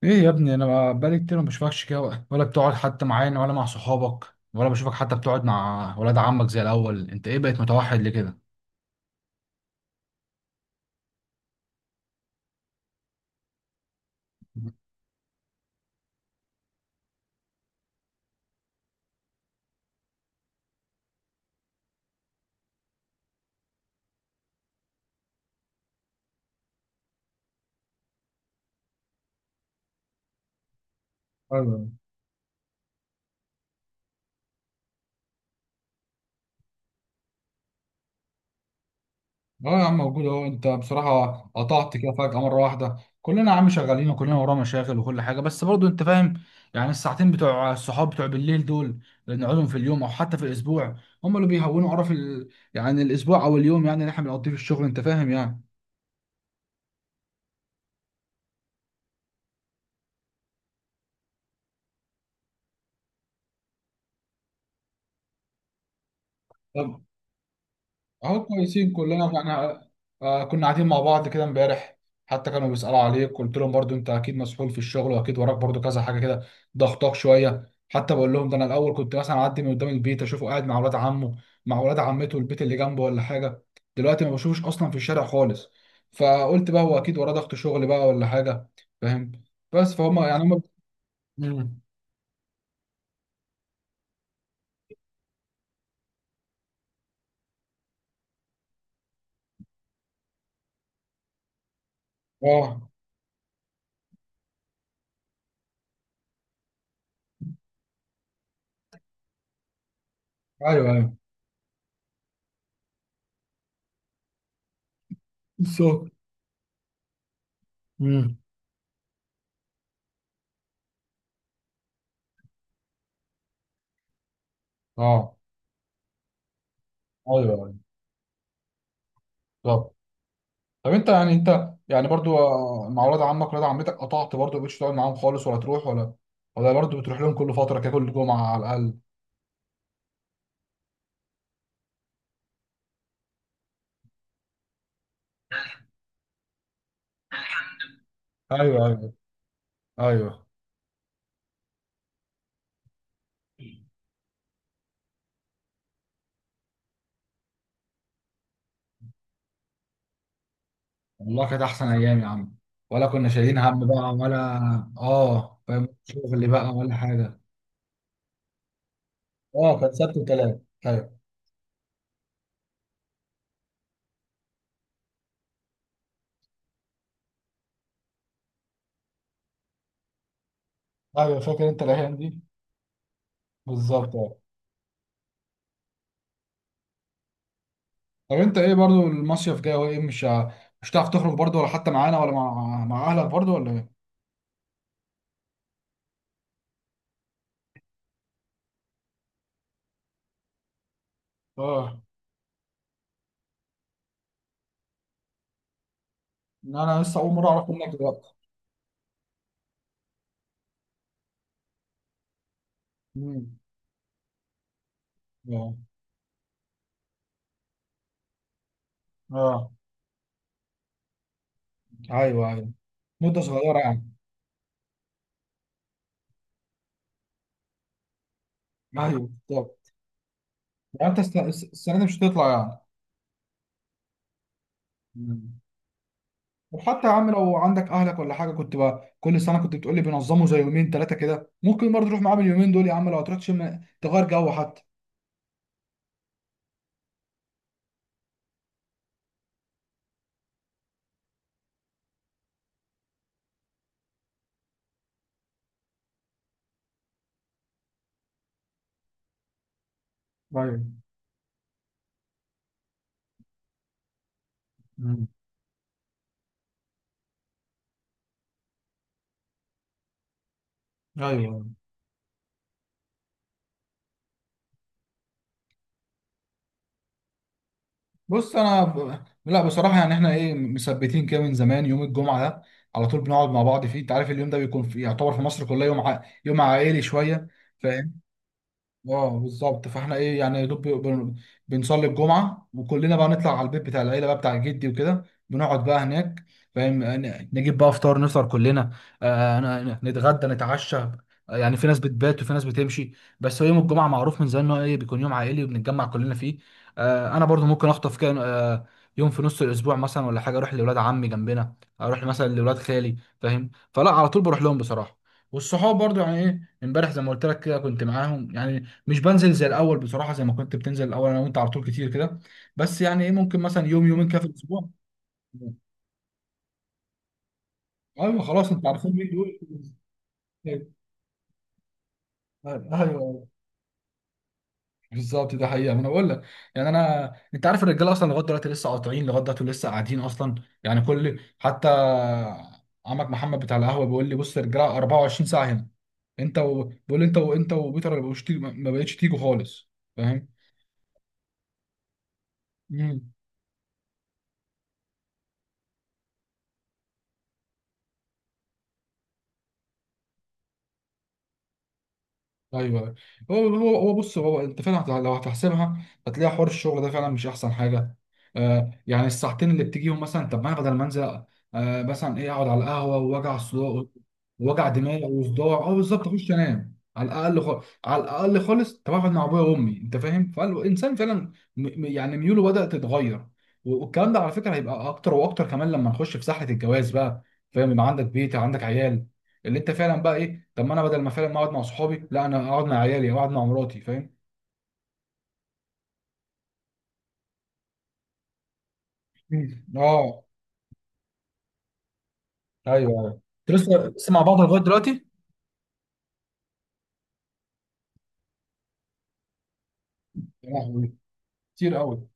ايه يا ابني، انا بقالي كتير ما بشوفكش كده، ولا بتقعد حتى معانا ولا مع صحابك، ولا بشوفك حتى بتقعد مع ولاد عمك زي الاول. انت ايه بقيت متوحد ليه كده؟ ايوه. اه يا عم موجود اهو. انت بصراحه قطعت كده فجاه مره واحده. كلنا يا عم شغالين، وكلنا ورانا مشاغل وكل حاجه، بس برضو انت فاهم. يعني الساعتين بتوع الصحاب بتوع بالليل دول، اللي نقعدهم في اليوم او حتى في الاسبوع، هم اللي بيهونوا قرف يعني الاسبوع او اليوم، يعني اللي احنا بنقضيه في الشغل، انت فاهم يعني. اهو كويسين كلنا احنا. كنا قاعدين مع بعض كده امبارح، حتى كانوا بيسألوا عليك. قلت لهم برضو انت اكيد مسحول في الشغل، واكيد وراك برضو كذا حاجه كده ضغطاك شويه. حتى بقول لهم ده انا الاول كنت مثلا اعدي من قدام البيت اشوفه قاعد مع اولاد عمه، مع اولاد عمته، البيت اللي جنبه ولا حاجه. دلوقتي ما بشوفوش اصلا في الشارع خالص، فقلت بقى هو اكيد وراه ضغط شغل بقى ولا حاجه. فاهم. بس فهم يعني هم. مم. اه. ايوه ايوه. بالظبط. مم. اه. ايوه ايوه. بالظبط. طب انت يعني برضو مع ولاد عمك ولاد عمتك قطعت برضو، مبقتش تقعد معاهم خالص ولا تروح، ولا برضو بتروح لهم كل فتره كده كل جمعه على الاقل؟ ايوه ايوه ايوه. والله كانت احسن ايام يا عم، ولا كنا شايلين هم بقى ولا. اه فاهم شغل بقى ولا حاجه. اه كان سبت وثلاث. ايوه ايوه. فاكر انت الايام دي. بالظبط اه. طب انت ايه، برضو المصيف جاي، وايه مش هتعرف تخرج برضو، ولا حتى معانا، ولا مع اهلك برضو، ولا ايه؟ اه. انا لسه اول مره اعرف منك دلوقتي. مم. اه. اه ايوه ايوه. مده صغيره يعني. ايوه طب. يعني انت السنه دي مش هتطلع يعني؟ مم. وحتى يا عم، لو عندك اهلك ولا حاجه، كنت بقى كل سنه كنت بتقولي بينظموا زي يومين ثلاثه كده، ممكن برضه تروح معاهم اليومين دول يا عم، لو هتروح تشم تغير جو حتى. ايوه. مم. ايوه أيوة. بص انا لا، بصراحه يعني احنا ايه مثبتين كده من زمان، يوم الجمعه ده على طول بنقعد مع بعض فيه. انت عارف، اليوم ده بيكون يعتبر في مصر كلها يوم يوم عائلي شويه. ف... اه بالظبط. فاحنا ايه يعني يا دوب بنصلي الجمعه، وكلنا بقى نطلع على البيت بتاع العيله بقى، بتاع جدي وكده، بنقعد بقى هناك. فاهم، نجيب بقى فطار، نفطر كلنا، نتغدى نتعشى، يعني في ناس بتبات وفي ناس بتمشي. بس هو يوم الجمعه معروف من زمان ان هو ايه بيكون يوم عائلي وبنتجمع كلنا فيه. انا برضو ممكن اخطف كده، يوم في نص الاسبوع مثلا ولا حاجه، اروح لاولاد عمي جنبنا، اروح مثلا لاولاد خالي. فاهم، فلا، على طول بروح لهم بصراحه. والصحاب برضو يعني ايه، امبارح زي ما قلت لك كده كنت معاهم يعني. مش بنزل زي الاول بصراحه زي ما كنت بتنزل الاول انا وانت على طول كتير كده، بس يعني ايه ممكن مثلا يوم يومين كده في الاسبوع. ايوه خلاص، انت عارفين مين دول. ايوه أيوة، بالظبط. ده حقيقه ما انا بقول لك. يعني انا انت عارف الرجاله اصلا لغايه دلوقتي لسه قاطعين، لغايه دلوقتي لسه قاعدين اصلا. يعني كل حتى عمك محمد بتاع القهوه بيقول لي بص، الرجاله 24 ساعه هنا. بيقول لي انت وانت وبيتر ما بقتش تيجوا خالص. فاهم. ايوه. هو بص، هو انت فعلا لو هتحسبها هتلاقي حوار الشغل ده فعلا مش احسن حاجه. يعني الساعتين اللي بتجيهم مثلا، طب ما انا بدل ما انزل مثلا ايه اقعد على القهوه ووجع صداع، وجع دماغ وصداع، اه بالظبط، اخش انام على الاقل خالص، على الاقل خالص. طب اقعد مع ابويا وامي، انت فاهم. فالانسان فعلا يعني ميوله بدات تتغير، والكلام ده على فكره هيبقى اكتر واكتر كمان لما نخش في سحله الجواز بقى. فاهم، يبقى عندك بيت، عندك عيال، اللي انت فعلا بقى ايه طب ما انا بدل ما فعلا ما اقعد مع صحابي، لا انا اقعد مع عيالي او اقعد مع مراتي. فاهم. مم. اه. ايوه ايوه. انت لسه مع بعض لغايه دلوقتي؟ يا لهوي. كتير قوي.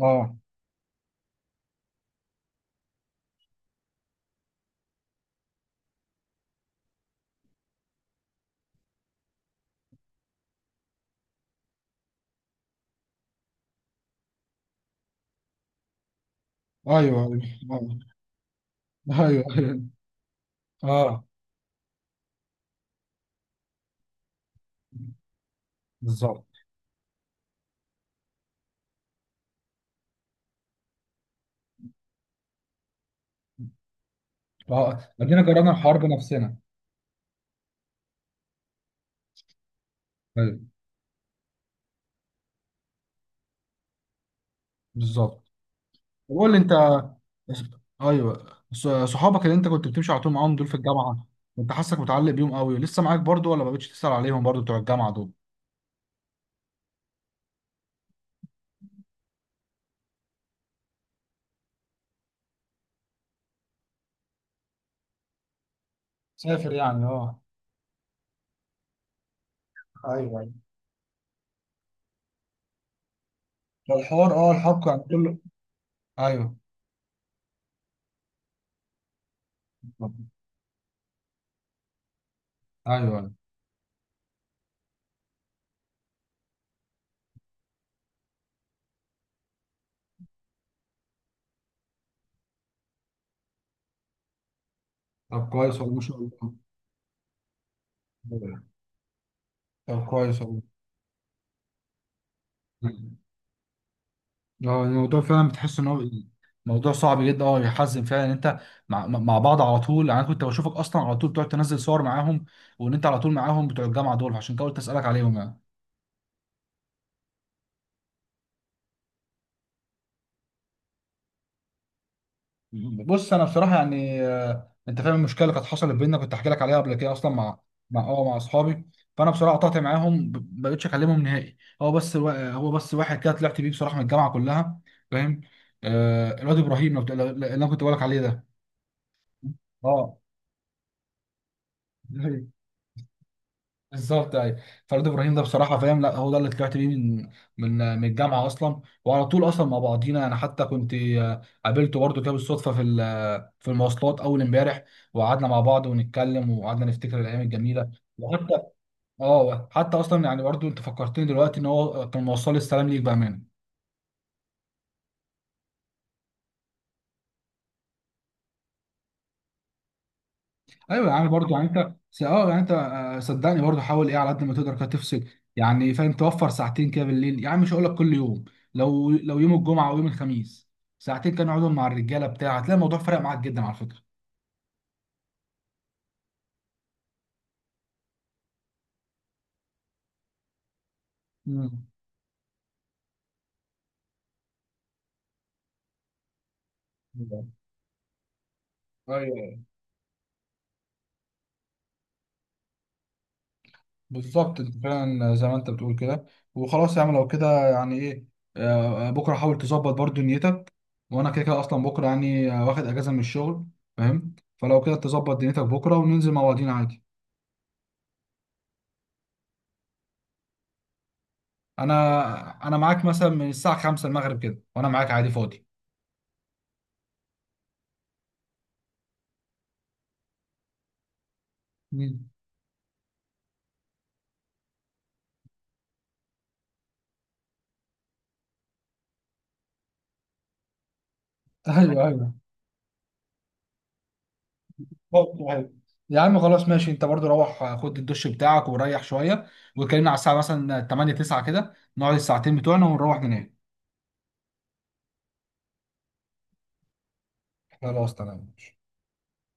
اه. ايوه ايوه. اه ايوه ايوه. اه بالظبط. اه ادينا جربنا الحوار بنفسنا. ايوه. بالظبط. طب قول لي انت. ايوه. صحابك اللي انت كنت بتمشي على طول معاهم دول في الجامعه، كنت حاسك متعلق بيهم قوي، لسه معاك برضو، ولا ما بقتش تسأل عليهم برضو بتوع الجامعه دول؟ سافر يعني اه. ايوه. فالحوار الحوار كان كله. ايوه طب- ايوه أيوة. طب كويس والله ما شاء الله. أيوة. طب كويس والله. اه الموضوع فعلا بتحس ان هو موضوع صعب جدا. اه يحزن فعلا ان انت مع بعض على طول، يعني انا كنت بشوفك اصلا على طول بتقعد تنزل صور معاهم، وان انت على طول معاهم بتوع الجامعه دول، عشان كده قلت اسالك عليهم يعني. بص انا بصراحه يعني انت فاهم المشكله اللي كانت حصلت بيننا، كنت احكي لك عليها قبل كده اصلا، مع اصحابي. فانا بصراحه قطعت معاهم، ما بقتش اكلمهم نهائي. هو بس واحد كده طلعت بيه بصراحه من الجامعه كلها. فاهم، الواد ابراهيم اللي انا كنت بقول لك عليه ده. اه بالظبط ايوه. فريد ابراهيم ده بصراحه فاهم، لا هو ده اللي طلعت بيه من الجامعه اصلا، وعلى طول اصلا مع بعضينا. انا حتى كنت قابلته برضه كده بالصدفه في المواصلات اول امبارح، وقعدنا مع بعض ونتكلم، وقعدنا نفتكر الايام الجميله. وحتى اه، حتى اصلا يعني برضه انت فكرتني دلوقتي ان هو كان موصل لي السلام ليك بامان. ايوه يعني برضو يعني انت س- اه يعني انت آه، صدقني برضو حاول ايه على قد ما تقدر كده تفصل. يعني فاهم، توفر ساعتين كده بالليل، يعني مش هقول لك كل يوم، لو يوم الجمعه او يوم الخميس، ساعتين كانوا اقعدهم مع الرجاله بتاع، هتلاقي الموضوع فرق معاك جدا على فكره. مم. بالظبط. ايوه بالظبط، انت فعلا زي ما انت بتقول كده. وخلاص يا عم، لو كده يعني ايه، بكره حاول تظبط برضو نيتك، وانا كده كده اصلا بكره يعني واخد اجازه من الشغل. فاهم، فلو كده تظبط دنيتك بكره وننزل مع بعضينا عادي. انا معاك مثلا من الساعه 5 المغرب كده، وانا معاك عادي فاضي. مم. ايوه ايوه. أوكي، أيوة. يا عم خلاص ماشي، انت برضو روح خد الدش بتاعك وريح شويه، وكلمنا على الساعه مثلا 8 9 كده، نقعد الساعتين بتوعنا ونروح ننام. خلاص تمام.